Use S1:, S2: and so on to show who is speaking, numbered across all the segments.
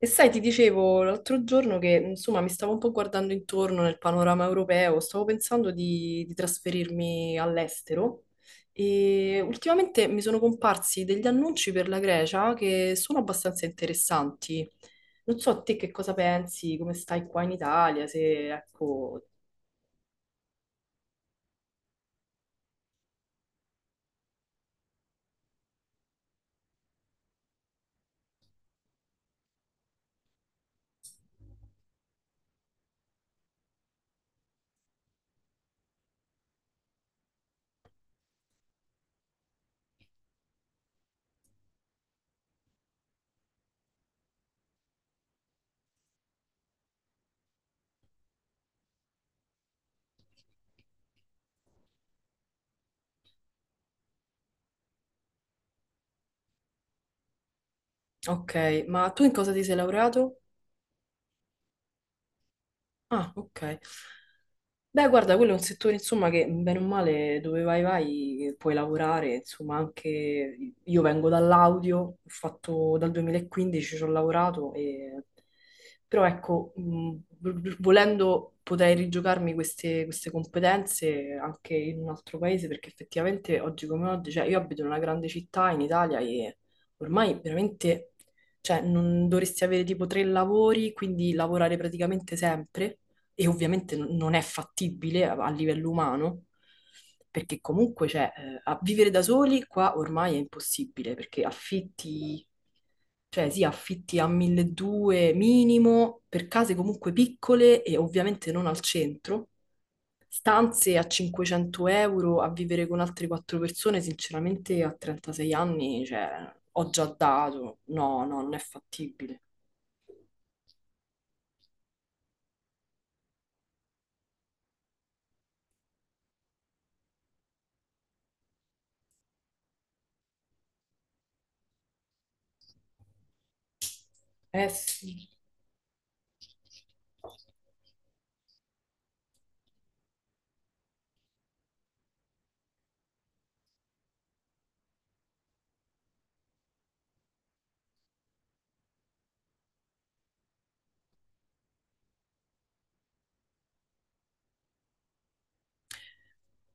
S1: E sai, ti dicevo l'altro giorno che insomma mi stavo un po' guardando intorno nel panorama europeo, stavo pensando di trasferirmi all'estero e ultimamente mi sono comparsi degli annunci per la Grecia che sono abbastanza interessanti. Non so a te che cosa pensi, come stai qua in Italia, se ecco. Ok, ma tu in cosa ti sei laureato? Ah, ok. Beh, guarda, quello è un settore, insomma, che bene o male dove vai vai puoi lavorare, insomma, anche io vengo dall'audio, ho fatto dal 2015 ci ho lavorato e però ecco, volendo potrei rigiocarmi queste competenze anche in un altro paese perché effettivamente oggi come oggi, cioè io abito in una grande città in Italia e ormai veramente cioè, non dovresti avere tipo tre lavori, quindi lavorare praticamente sempre, e ovviamente non è fattibile a livello umano, perché comunque, cioè, a vivere da soli qua ormai è impossibile, perché affitti, cioè sì, affitti a 1200 minimo, per case comunque piccole e ovviamente non al centro. Stanze a 500 euro a vivere con altre quattro persone, sinceramente a 36 anni, cioè, ho già dato. No, no, non è fattibile. Eh sì.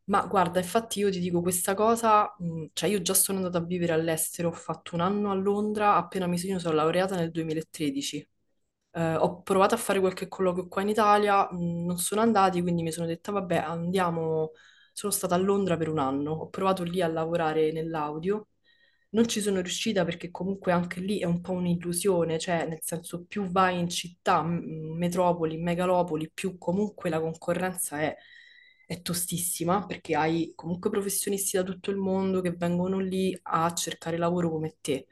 S1: Ma guarda, infatti io ti dico questa cosa, cioè io già sono andata a vivere all'estero, ho fatto un anno a Londra, appena mi sono io sono laureata nel 2013. Ho provato a fare qualche colloquio qua in Italia, non sono andati, quindi mi sono detta, vabbè, andiamo. Sono stata a Londra per un anno, ho provato lì a lavorare nell'audio. Non ci sono riuscita perché comunque anche lì è un po' un'illusione, cioè nel senso più vai in città, metropoli, megalopoli, più comunque la concorrenza è tostissima perché hai comunque professionisti da tutto il mondo che vengono lì a cercare lavoro come te.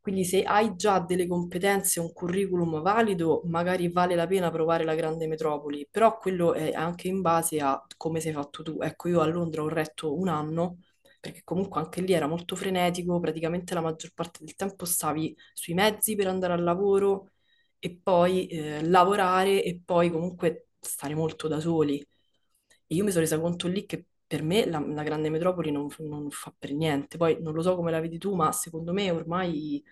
S1: Quindi se hai già delle competenze, un curriculum valido, magari vale la pena provare la grande metropoli, però quello è anche in base a come sei fatto tu. Ecco, io a Londra ho retto un anno perché comunque anche lì era molto frenetico, praticamente la maggior parte del tempo stavi sui mezzi per andare al lavoro e poi lavorare e poi comunque stare molto da soli. E io mi sono resa conto lì che per me la grande metropoli non fa per niente. Poi non lo so come la vedi tu, ma secondo me ormai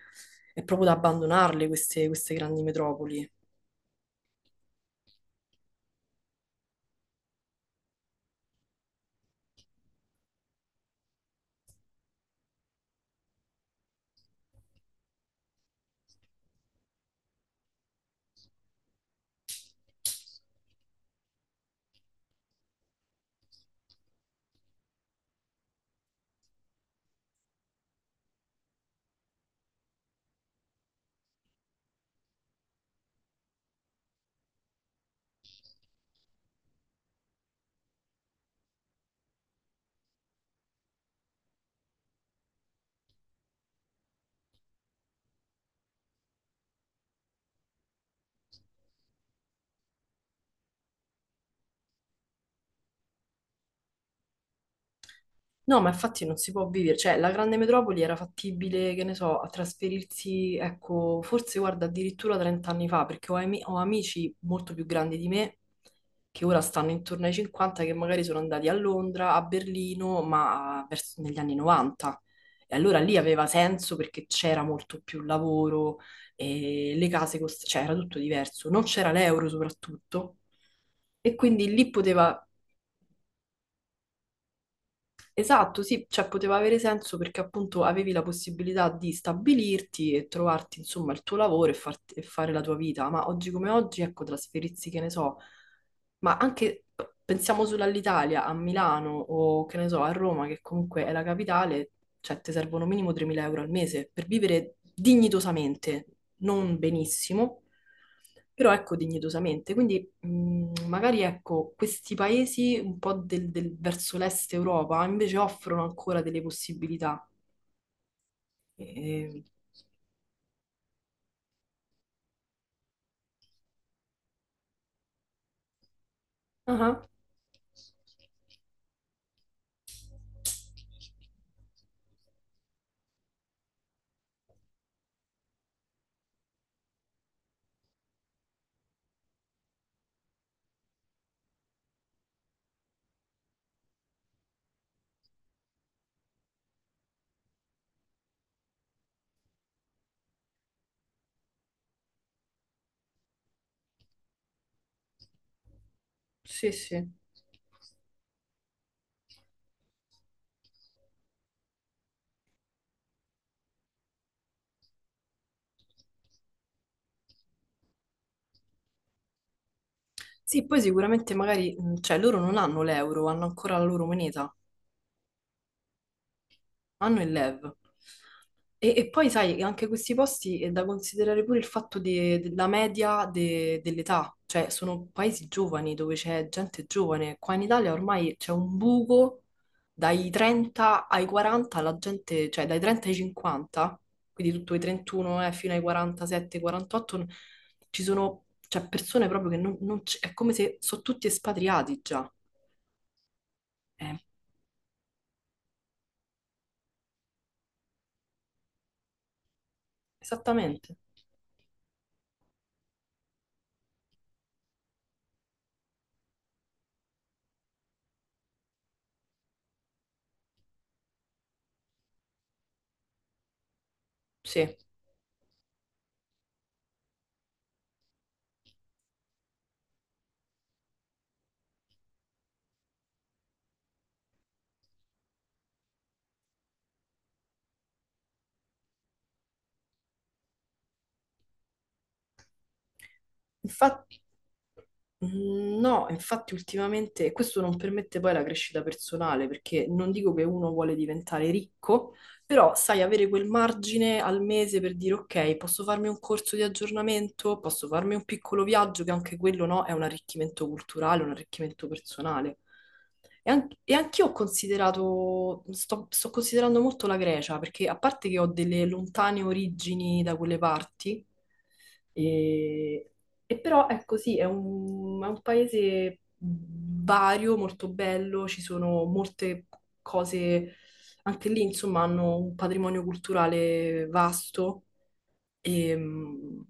S1: è proprio da abbandonarle queste grandi metropoli. No, ma infatti non si può vivere, cioè la grande metropoli era fattibile, che ne so, a trasferirsi, ecco, forse guarda addirittura 30 anni fa, perché ho amici molto più grandi di me che ora stanno intorno ai 50, che magari sono andati a Londra, a Berlino, negli anni 90. E allora lì aveva senso perché c'era molto più lavoro, e cioè era tutto diverso, non c'era l'euro soprattutto. E quindi lì poteva. Esatto, sì, cioè poteva avere senso perché appunto avevi la possibilità di stabilirti e trovarti insomma il tuo lavoro e, e fare la tua vita, ma oggi come oggi, ecco, trasferirsi, che ne so, ma anche pensiamo solo all'Italia, a Milano o che ne so, a Roma, che comunque è la capitale, cioè ti servono minimo 3.000 euro al mese per vivere dignitosamente, non benissimo, però ecco dignitosamente, quindi magari ecco, questi paesi un po' verso l'est Europa invece offrono ancora delle possibilità. E- Ah, sì, sì. Sì, poi sicuramente magari, cioè loro non hanno l'euro, hanno ancora la loro moneta. Hanno il LEV. E, V. E poi sai, anche questi posti è da considerare pure il fatto della media dell'età, cioè sono paesi giovani dove c'è gente giovane. Qua in Italia ormai c'è un buco dai 30 ai 40, la gente, cioè dai 30 ai 50, quindi tutto i 31 fino ai 47, 48, ci sono cioè, persone proprio che non, non c- è come se sono tutti espatriati già. Eh, esattamente, sì. Infatti. No, infatti ultimamente questo non permette poi la crescita personale, perché non dico che uno vuole diventare ricco, però sai, avere quel margine al mese per dire ok, posso farmi un corso di aggiornamento, posso farmi un piccolo viaggio, che anche quello no, è un arricchimento culturale, un arricchimento personale. E, e anch'io ho considerato, sto considerando molto la Grecia, perché a parte che ho delle lontane origini da quelle parti, e però è così, è un paese vario, molto bello, ci sono molte cose, anche lì insomma hanno un patrimonio culturale vasto. E,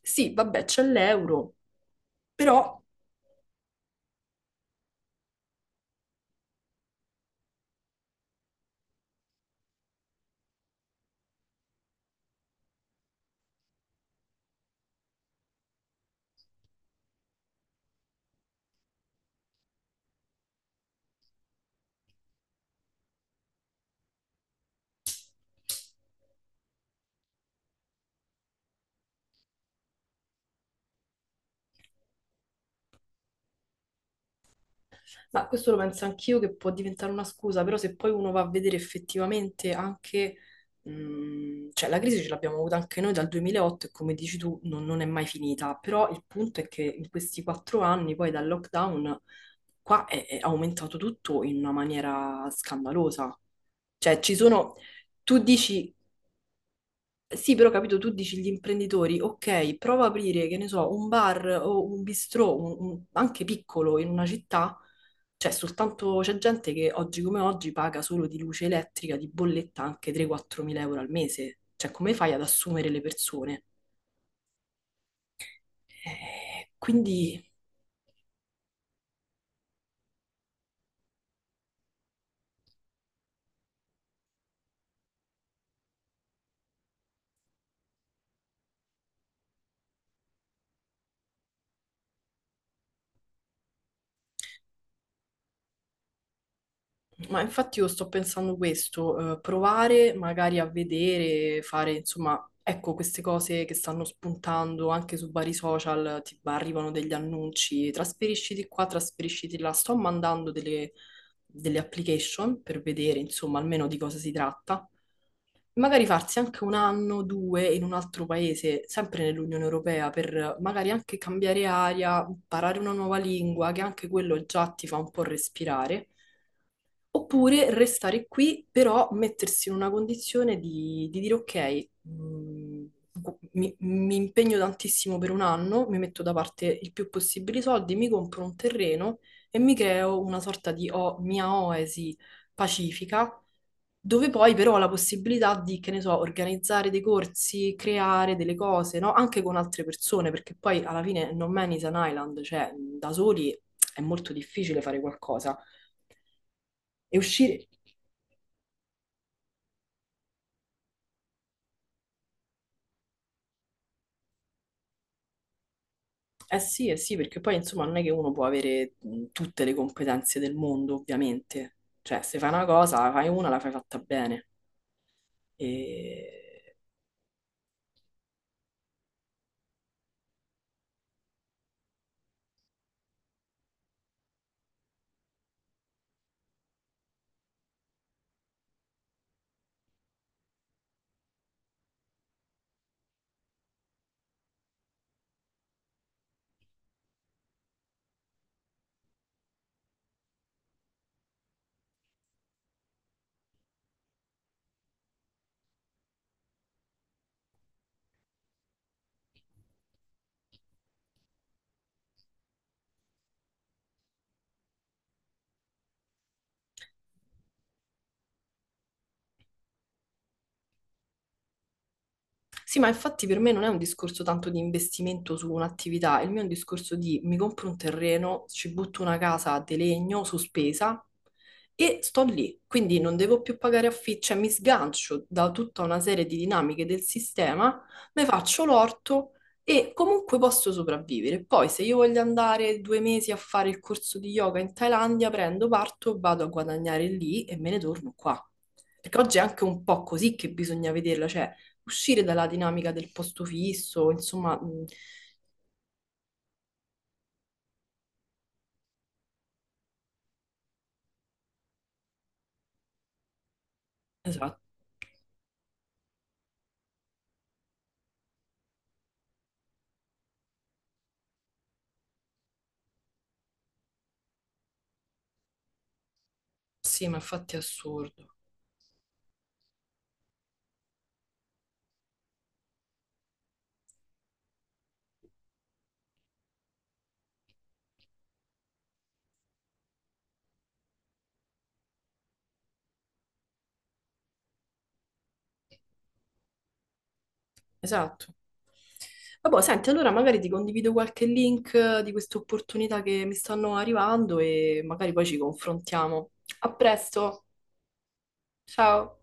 S1: sì, vabbè, c'è l'euro, però. Ma questo lo penso anch'io che può diventare una scusa, però se poi uno va a vedere effettivamente anche, cioè la crisi ce l'abbiamo avuta anche noi dal 2008 e come dici tu non è mai finita, però il punto è che in questi quattro anni poi dal lockdown qua è aumentato tutto in una maniera scandalosa. Cioè ci sono, tu dici sì, però capito, tu dici gli imprenditori, ok, prova a aprire, che ne so, un bar o un bistrò, anche piccolo in una città, cioè soltanto c'è gente che oggi come oggi paga solo di luce elettrica, di bolletta anche 3-4 mila euro al mese, cioè come fai ad assumere le persone? Quindi. Ma infatti io sto pensando questo, provare magari a vedere, fare insomma, ecco queste cose che stanno spuntando anche su vari social, ti arrivano degli annunci, trasferisciti qua, trasferisciti là, sto mandando delle application per vedere insomma almeno di cosa si tratta, magari farsi anche un anno, due in un altro paese, sempre nell'Unione Europea, per magari anche cambiare aria, imparare una nuova lingua, che anche quello già ti fa un po' respirare. Oppure restare qui, però mettersi in una condizione di dire ok, mi impegno tantissimo per un anno, mi metto da parte il più possibile i soldi, mi compro un terreno e mi creo una sorta di mia oasi pacifica, dove poi però ho la possibilità di, che ne so, organizzare dei corsi, creare delle cose, no? Anche con altre persone, perché poi alla fine no man is an island, cioè da soli è molto difficile fare qualcosa e uscire. Sì, eh sì, perché poi insomma non è che uno può avere tutte le competenze del mondo, ovviamente. Cioè, se fai una cosa, la fai una, la fai fatta bene. E... Sì, ma infatti per me non è un discorso tanto di investimento su un'attività, il mio è un discorso di mi compro un terreno, ci butto una casa di legno sospesa e sto lì. Quindi non devo più pagare affitto, cioè mi sgancio da tutta una serie di dinamiche del sistema, mi faccio l'orto e comunque posso sopravvivere. Poi se io voglio andare due mesi a fare il corso di yoga in Thailandia, prendo, parto, vado a guadagnare lì e me ne torno qua. Perché oggi è anche un po' così che bisogna vederla, cioè uscire dalla dinamica del posto fisso, insomma, esatto, sì, ma infatti è assurdo. Esatto. Vabbè, senti, allora magari ti condivido qualche link di queste opportunità che mi stanno arrivando e magari poi ci confrontiamo. A presto, ciao!